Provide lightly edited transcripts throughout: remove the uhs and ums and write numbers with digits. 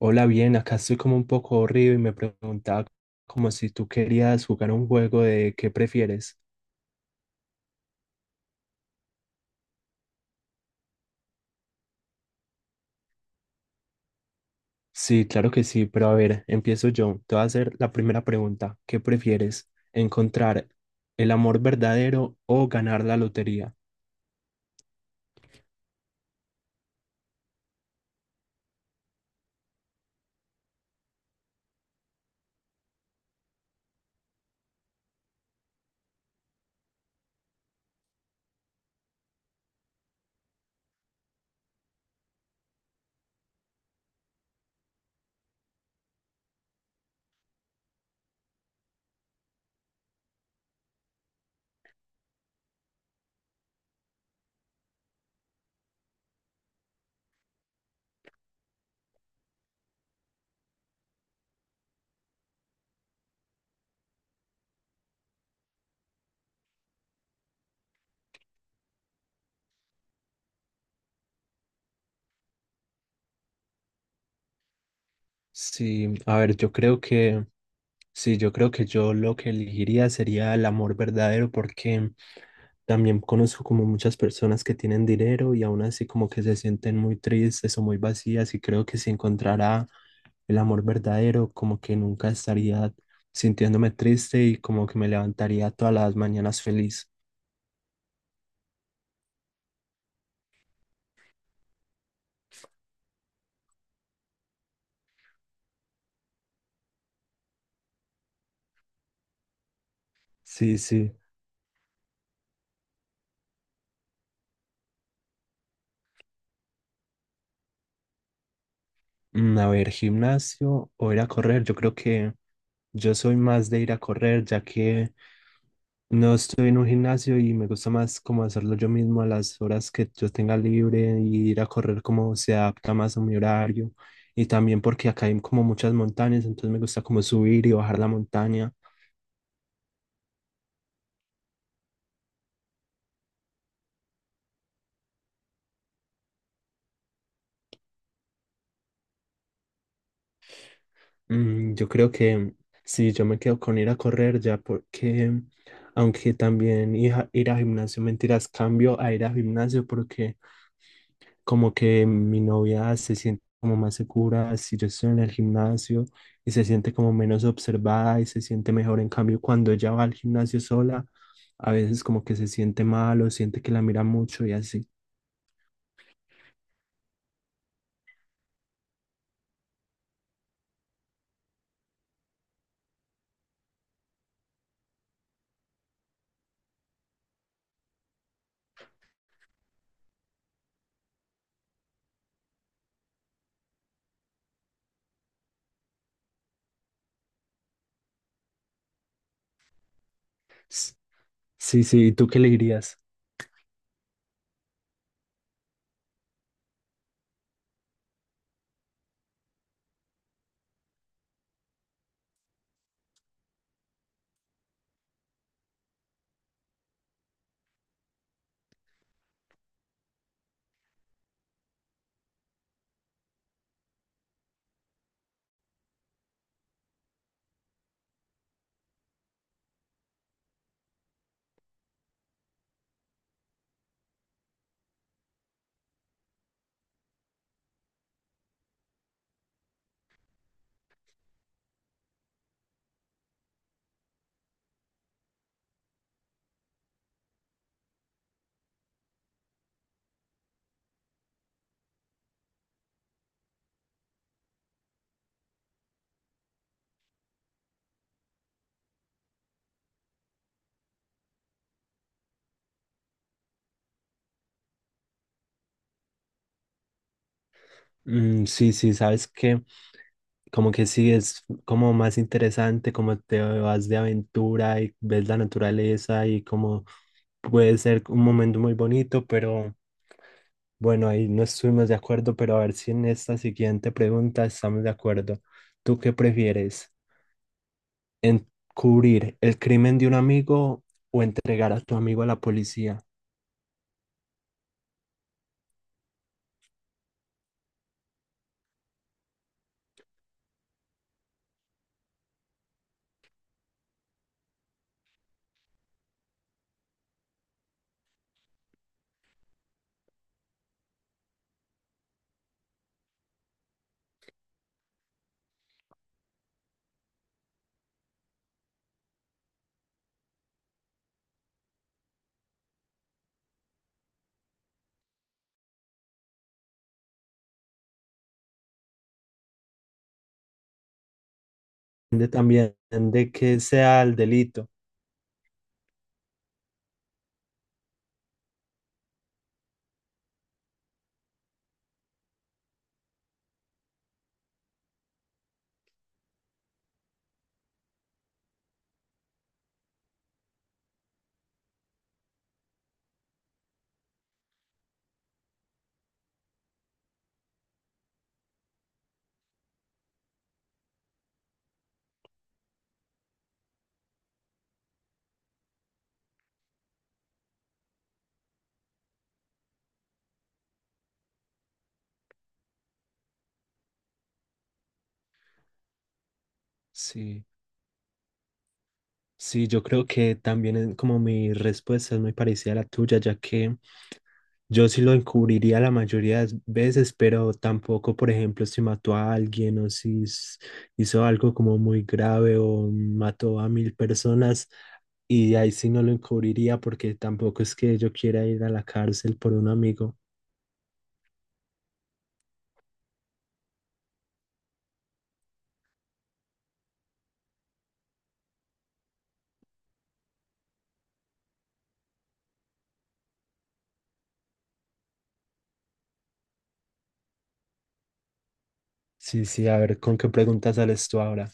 Hola, bien, acá estoy como un poco aburrido y me preguntaba como si tú querías jugar un juego de qué prefieres. Sí, claro que sí, pero a ver, empiezo yo. Te voy a hacer la primera pregunta. ¿Qué prefieres? ¿Encontrar el amor verdadero o ganar la lotería? Sí, a ver, yo creo que yo lo que elegiría sería el amor verdadero, porque también conozco como muchas personas que tienen dinero y aún así como que se sienten muy tristes o muy vacías, y creo que si encontrara el amor verdadero como que nunca estaría sintiéndome triste y como que me levantaría todas las mañanas feliz. Sí, sí. A ver, gimnasio o ir a correr. Yo creo que yo soy más de ir a correr, ya que no estoy en un gimnasio y me gusta más como hacerlo yo mismo a las horas que yo tenga libre, y ir a correr como se adapta más a mi horario. Y también porque acá hay como muchas montañas, entonces me gusta como subir y bajar la montaña. Yo creo que sí, yo me quedo con ir a correr ya porque, aunque también ir a gimnasio, mentiras, cambio a ir a gimnasio porque como que mi novia se siente como más segura si yo estoy en el gimnasio, y se siente como menos observada y se siente mejor. En cambio, cuando ella va al gimnasio sola, a veces como que se siente mal o siente que la mira mucho y así. S- Sí, sí, ¿y tú qué le dirías? Sí, sí, sabes que como que sí es como más interesante, como te vas de aventura y ves la naturaleza y como puede ser un momento muy bonito, pero bueno, ahí no estuvimos de acuerdo, pero a ver si en esta siguiente pregunta estamos de acuerdo. ¿Tú qué prefieres? ¿Encubrir el crimen de un amigo o entregar a tu amigo a la policía? Depende también de que sea el delito. Sí. Sí, yo creo que también es como mi respuesta es muy parecida a la tuya, ya que yo sí lo encubriría la mayoría de veces, pero tampoco, por ejemplo, si mató a alguien o si hizo algo como muy grave, o mató a 1.000 personas, y ahí sí no lo encubriría porque tampoco es que yo quiera ir a la cárcel por un amigo. Sí, sí, a ver, ¿con qué preguntas sales tú ahora?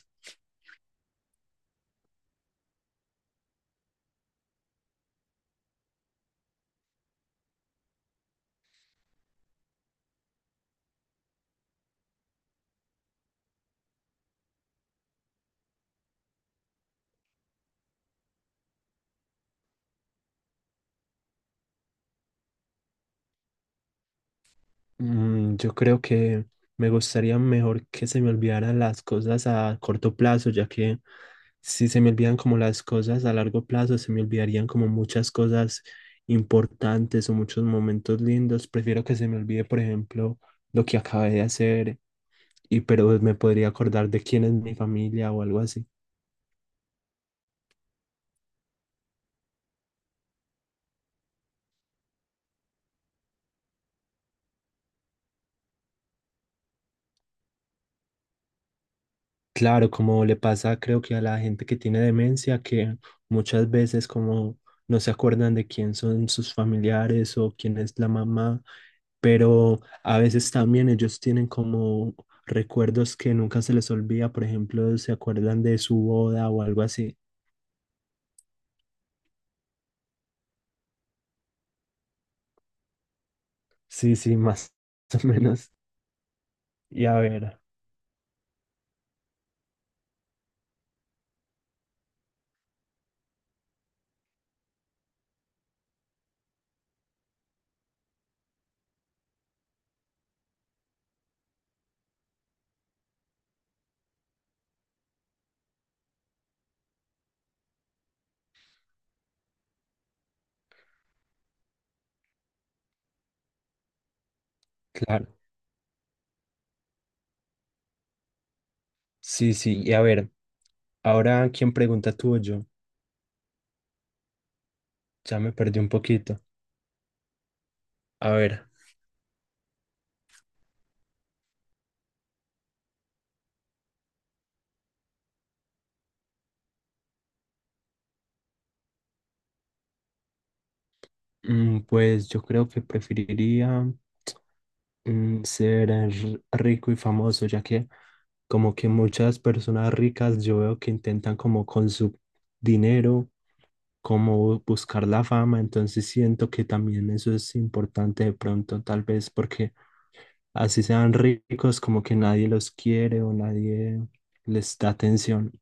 Yo creo que me gustaría mejor que se me olvidaran las cosas a corto plazo, ya que si se me olvidan como las cosas a largo plazo, se me olvidarían como muchas cosas importantes o muchos momentos lindos. Prefiero que se me olvide, por ejemplo, lo que acabé de hacer, y pero me podría acordar de quién es mi familia o algo así. Claro, como le pasa creo que a la gente que tiene demencia, que muchas veces como no se acuerdan de quién son sus familiares o quién es la mamá, pero a veces también ellos tienen como recuerdos que nunca se les olvida, por ejemplo, se acuerdan de su boda o algo así. Sí, sí, más o menos. Y a ver, claro. Sí, sí, y a ver, ahora quién pregunta, tú o yo. Ya me perdí un poquito. A ver, pues yo creo que preferiría... ser rico y famoso, ya que como que muchas personas ricas yo veo que intentan como con su dinero, como buscar la fama, entonces siento que también eso es importante de pronto, tal vez porque así sean ricos, como que nadie los quiere o nadie les da atención.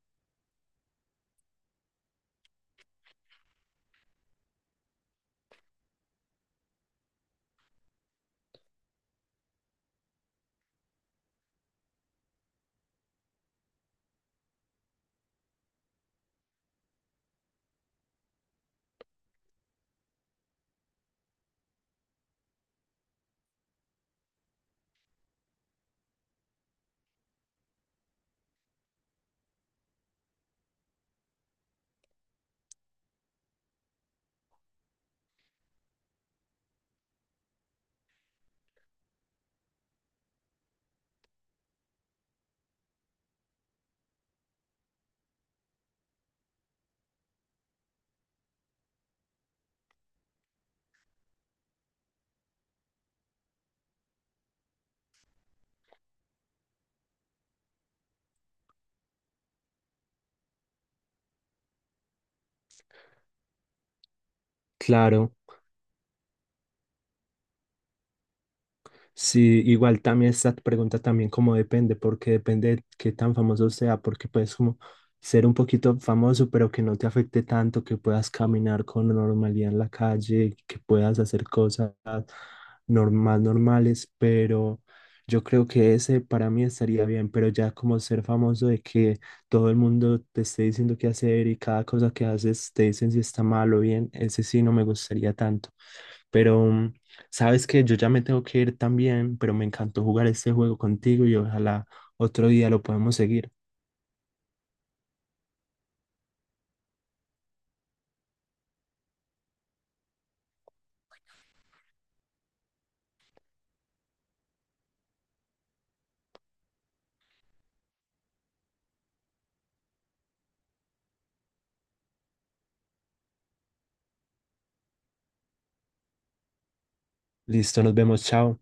Claro. Sí, igual también esta pregunta también como depende, porque depende de qué tan famoso sea, porque puedes como ser un poquito famoso, pero que no te afecte tanto, que puedas caminar con normalidad en la calle, que puedas hacer cosas normal, normales, pero yo creo que ese para mí estaría bien, pero ya como ser famoso de que todo el mundo te esté diciendo qué hacer, y cada cosa que haces te dicen si está mal o bien, ese sí no me gustaría tanto, pero... sabes que yo ya me tengo que ir también, pero me encantó jugar este juego contigo y ojalá otro día lo podemos seguir. Listo, nos vemos, chao.